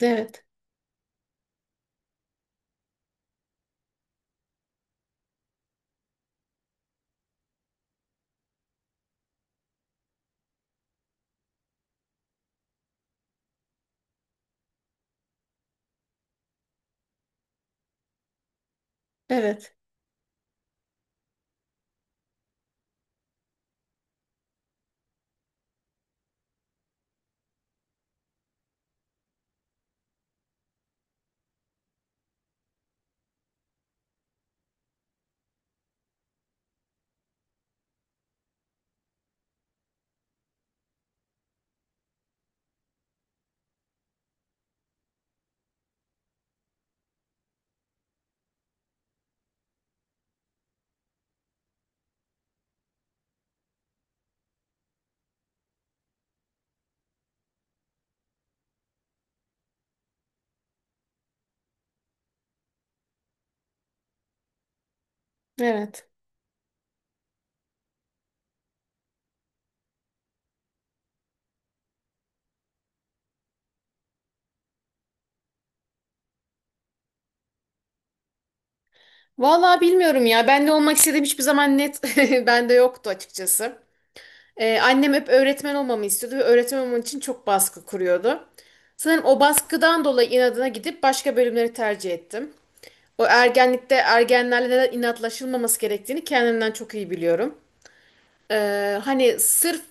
Evet, evet, evet. Vallahi bilmiyorum ya. Ben ne olmak istediğim hiçbir zaman net bende yoktu açıkçası. Annem hep öğretmen olmamı istiyordu ve öğretmen olmam için çok baskı kuruyordu. Sanırım o baskıdan dolayı inadına gidip başka bölümleri tercih ettim. O ergenlikte ergenlerle neden inatlaşılmaması gerektiğini kendimden çok iyi biliyorum. Hani sırf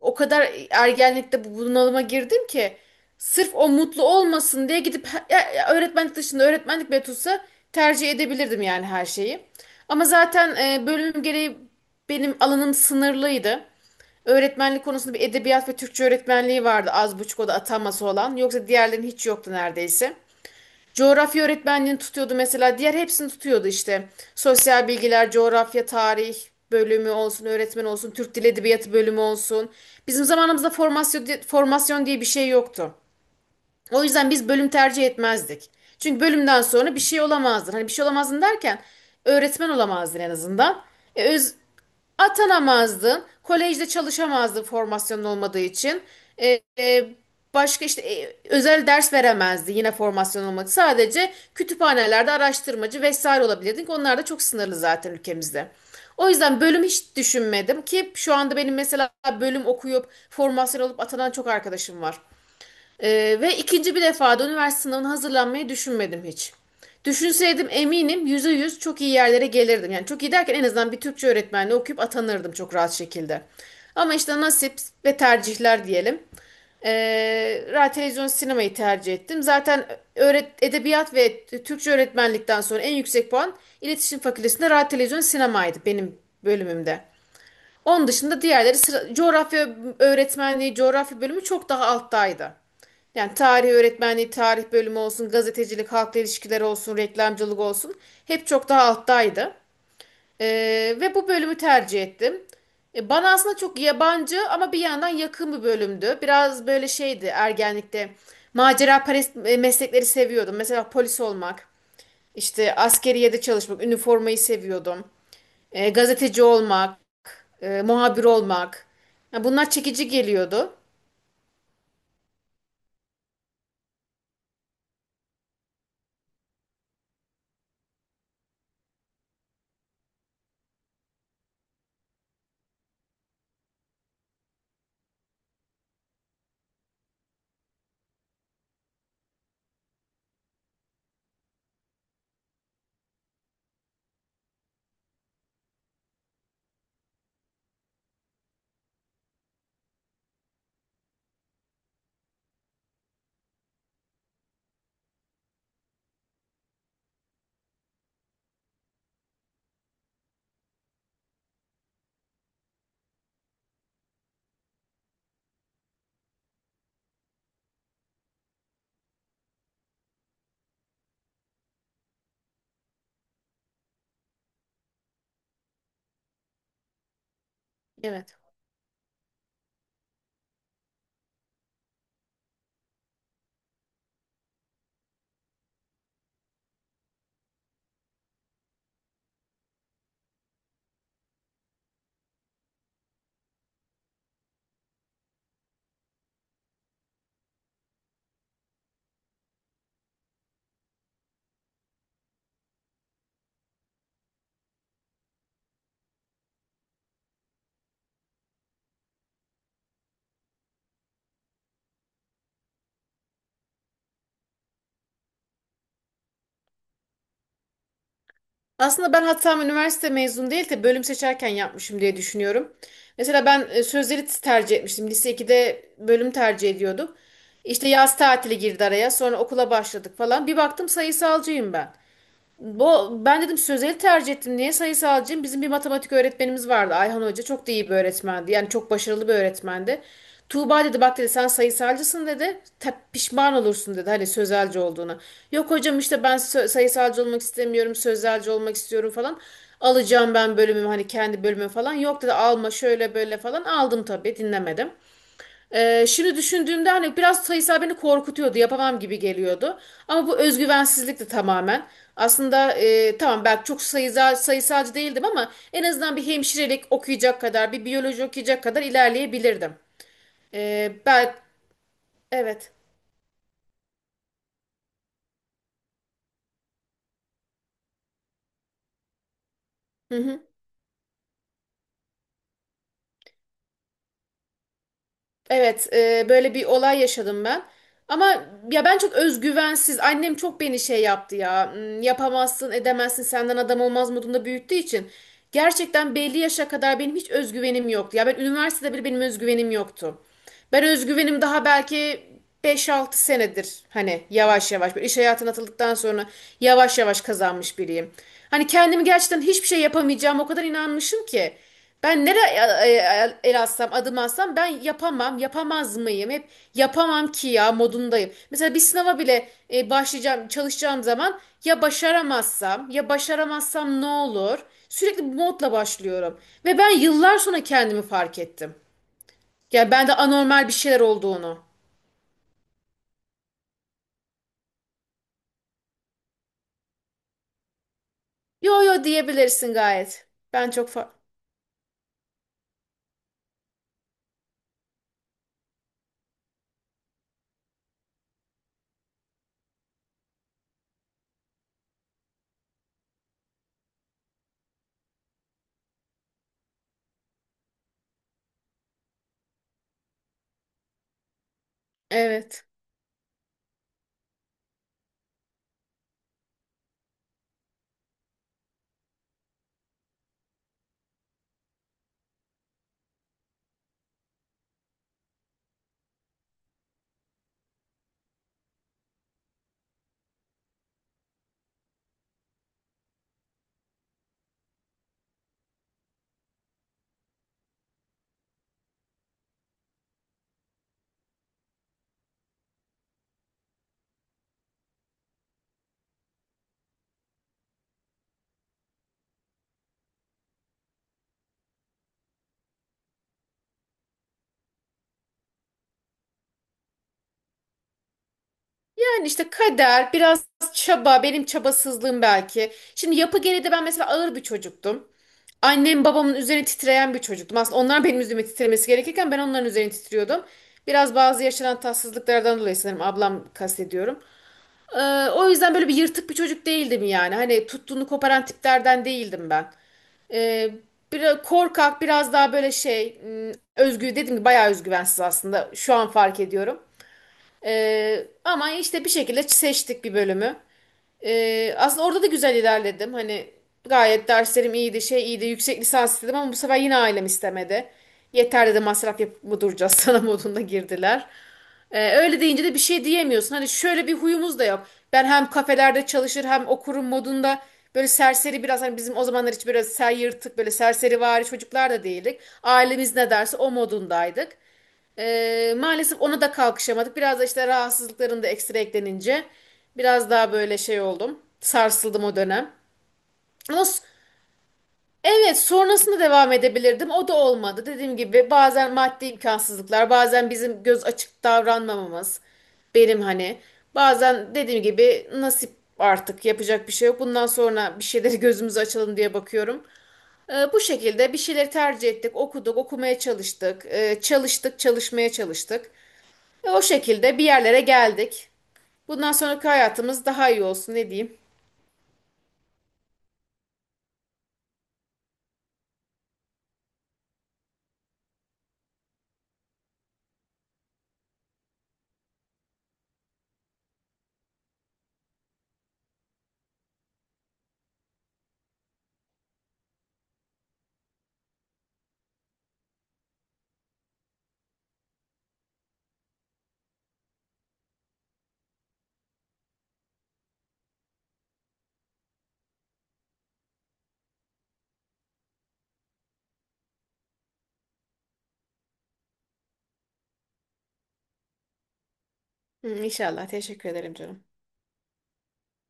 o kadar ergenlikte bunalıma girdim ki sırf o mutlu olmasın diye gidip ya öğretmenlik dışında öğretmenlik bile tutsa tercih edebilirdim yani her şeyi. Ama zaten bölüm gereği benim alanım sınırlıydı. Öğretmenlik konusunda bir edebiyat ve Türkçe öğretmenliği vardı az buçuk, o da ataması olan. Yoksa diğerlerinin hiç yoktu neredeyse. Coğrafya öğretmenliğini tutuyordu mesela. Diğer hepsini tutuyordu işte. Sosyal bilgiler, coğrafya, tarih bölümü olsun, öğretmen olsun, Türk Dil Edebiyatı bölümü olsun. Bizim zamanımızda formasyon, formasyon diye bir şey yoktu. O yüzden biz bölüm tercih etmezdik. Çünkü bölümden sonra bir şey olamazdın. Hani bir şey olamazdın derken öğretmen olamazdın en azından. E, öz, Atanamazdın. Kolejde çalışamazdın formasyonun olmadığı için. E, e, Başka işte özel ders veremezdi yine formasyon olmadı. Sadece kütüphanelerde araştırmacı vesaire olabilirdik. Onlar da çok sınırlı zaten ülkemizde. O yüzden bölüm hiç düşünmedim ki şu anda benim mesela bölüm okuyup formasyon olup atanan çok arkadaşım var. Ve ikinci bir defada üniversite sınavına hazırlanmayı düşünmedim hiç. Düşünseydim eminim yüzde yüz çok iyi yerlere gelirdim. Yani çok iyi derken en azından bir Türkçe öğretmenliği okuyup atanırdım çok rahat şekilde. Ama işte nasip ve tercihler diyelim. Radyo, televizyon, sinemayı tercih ettim. Zaten edebiyat ve Türkçe öğretmenlikten sonra en yüksek puan iletişim fakültesinde radyo, televizyon, sinemaydı benim bölümümde. Onun dışında diğerleri coğrafya öğretmenliği, coğrafya bölümü çok daha alttaydı. Yani tarih öğretmenliği, tarih bölümü olsun, gazetecilik, halkla ilişkiler olsun, reklamcılık olsun hep çok daha alttaydı. Ve bu bölümü tercih ettim. Bana aslında çok yabancı ama bir yandan yakın bir bölümdü. Biraz böyle şeydi ergenlikte. Macera perest meslekleri seviyordum. Mesela polis olmak, işte askeriyede çalışmak, üniformayı seviyordum. Gazeteci olmak, muhabir olmak. Ya bunlar çekici geliyordu. Evet. Aslında ben hatam üniversite mezun değil de bölüm seçerken yapmışım diye düşünüyorum. Mesela ben sözleri tercih etmiştim. Lise ikide bölüm tercih ediyordum. İşte yaz tatili girdi araya. Sonra okula başladık falan. Bir baktım sayısalcıyım ben. Bu, ben dedim sözeli tercih ettim. Niye sayısalcıyım? Bizim bir matematik öğretmenimiz vardı. Ayhan Hoca çok da iyi bir öğretmendi. Yani çok başarılı bir öğretmendi. Tuğba dedi, bak dedi, sen sayısalcısın dedi. "Ta- pişman olursun dedi hani sözelci olduğuna. Yok hocam işte ben sayısalcı olmak istemiyorum. Sözelci olmak istiyorum falan. Alacağım ben bölümümü hani kendi bölümümü falan. Yok dedi alma şöyle böyle falan. Aldım tabii, dinlemedim. Şimdi düşündüğümde hani biraz sayısal beni korkutuyordu, yapamam gibi geliyordu. Ama bu özgüvensizlikti tamamen. Aslında tamam belki çok sayısal, sayısalcı değildim ama en azından bir hemşirelik okuyacak kadar, bir biyoloji okuyacak kadar ilerleyebilirdim. Ee, ben, evet. Evet, böyle bir olay yaşadım ben. Ama ya ben çok özgüvensiz. Annem çok beni şey yaptı ya. Yapamazsın, edemezsin, senden adam olmaz modunda büyüttüğü için. Gerçekten belli yaşa kadar benim hiç özgüvenim yoktu. Ya ben üniversitede bile benim özgüvenim yoktu. Ben özgüvenim daha belki beş altı senedir hani yavaş yavaş böyle iş hayatına atıldıktan sonra yavaş yavaş kazanmış biriyim. Hani kendimi gerçekten hiçbir şey yapamayacağım o kadar inanmışım ki. Ben nereye el atsam, adım atsam ben yapamam, yapamaz mıyım? Hep yapamam ki ya modundayım. Mesela bir sınava bile başlayacağım, çalışacağım zaman ya başaramazsam, ya başaramazsam ne olur? Sürekli bu modla başlıyorum. Ve ben yıllar sonra kendimi fark ettim. Ya ben de anormal bir şeyler olduğunu. Yo yo, diyebilirsin gayet. Evet. Yani işte kader, biraz çaba, benim çabasızlığım belki. Şimdi yapı gereği de ben mesela ağır bir çocuktum. Annem babamın üzerine titreyen bir çocuktum. Aslında onlar benim üzerime titremesi gerekirken ben onların üzerine titriyordum. Biraz bazı yaşanan tatsızlıklardan dolayı sanırım ablam kastediyorum. O yüzden böyle yırtık bir çocuk değildim yani. Hani tuttuğunu koparan tiplerden değildim ben. Ee, Biraz korkak, biraz daha böyle şey, m, özgü dedim ki bayağı özgüvensiz aslında. Şu an fark ediyorum. Ama işte bir şekilde seçtik bir bölümü. Aslında orada da güzel ilerledim. Hani gayet derslerim iyiydi, şey iyiydi. Yüksek lisans istedim ama bu sefer yine ailem istemedi. Yeter dedi, masraf yapıp mı duracağız sana modunda girdiler. Öyle deyince de bir şey diyemiyorsun. Hani şöyle bir huyumuz da yok. Ben hem kafelerde çalışır hem okurum modunda böyle serseri biraz, hani bizim o zamanlar hiç biraz yırtık böyle serseri çocuklar da değildik. Ailemiz ne derse o modundaydık. Maalesef ona da kalkışamadık. Biraz da işte rahatsızlıkların da ekstra eklenince biraz daha böyle şey oldum. Sarsıldım o dönem. Ama s- evet, sonrasında devam edebilirdim. O da olmadı. Dediğim gibi bazen maddi imkansızlıklar, bazen bizim göz açık davranmamamız. Benim hani bazen dediğim gibi nasip, artık yapacak bir şey yok. Bundan sonra bir şeyleri gözümüzü açalım diye bakıyorum. Bu şekilde bir şeyleri tercih ettik, okuduk, okumaya çalıştık, çalıştık, çalışmaya çalıştık. Ve o şekilde bir yerlere geldik. Bundan sonraki hayatımız daha iyi olsun, ne diyeyim. Hı, İnşallah. Teşekkür ederim canım.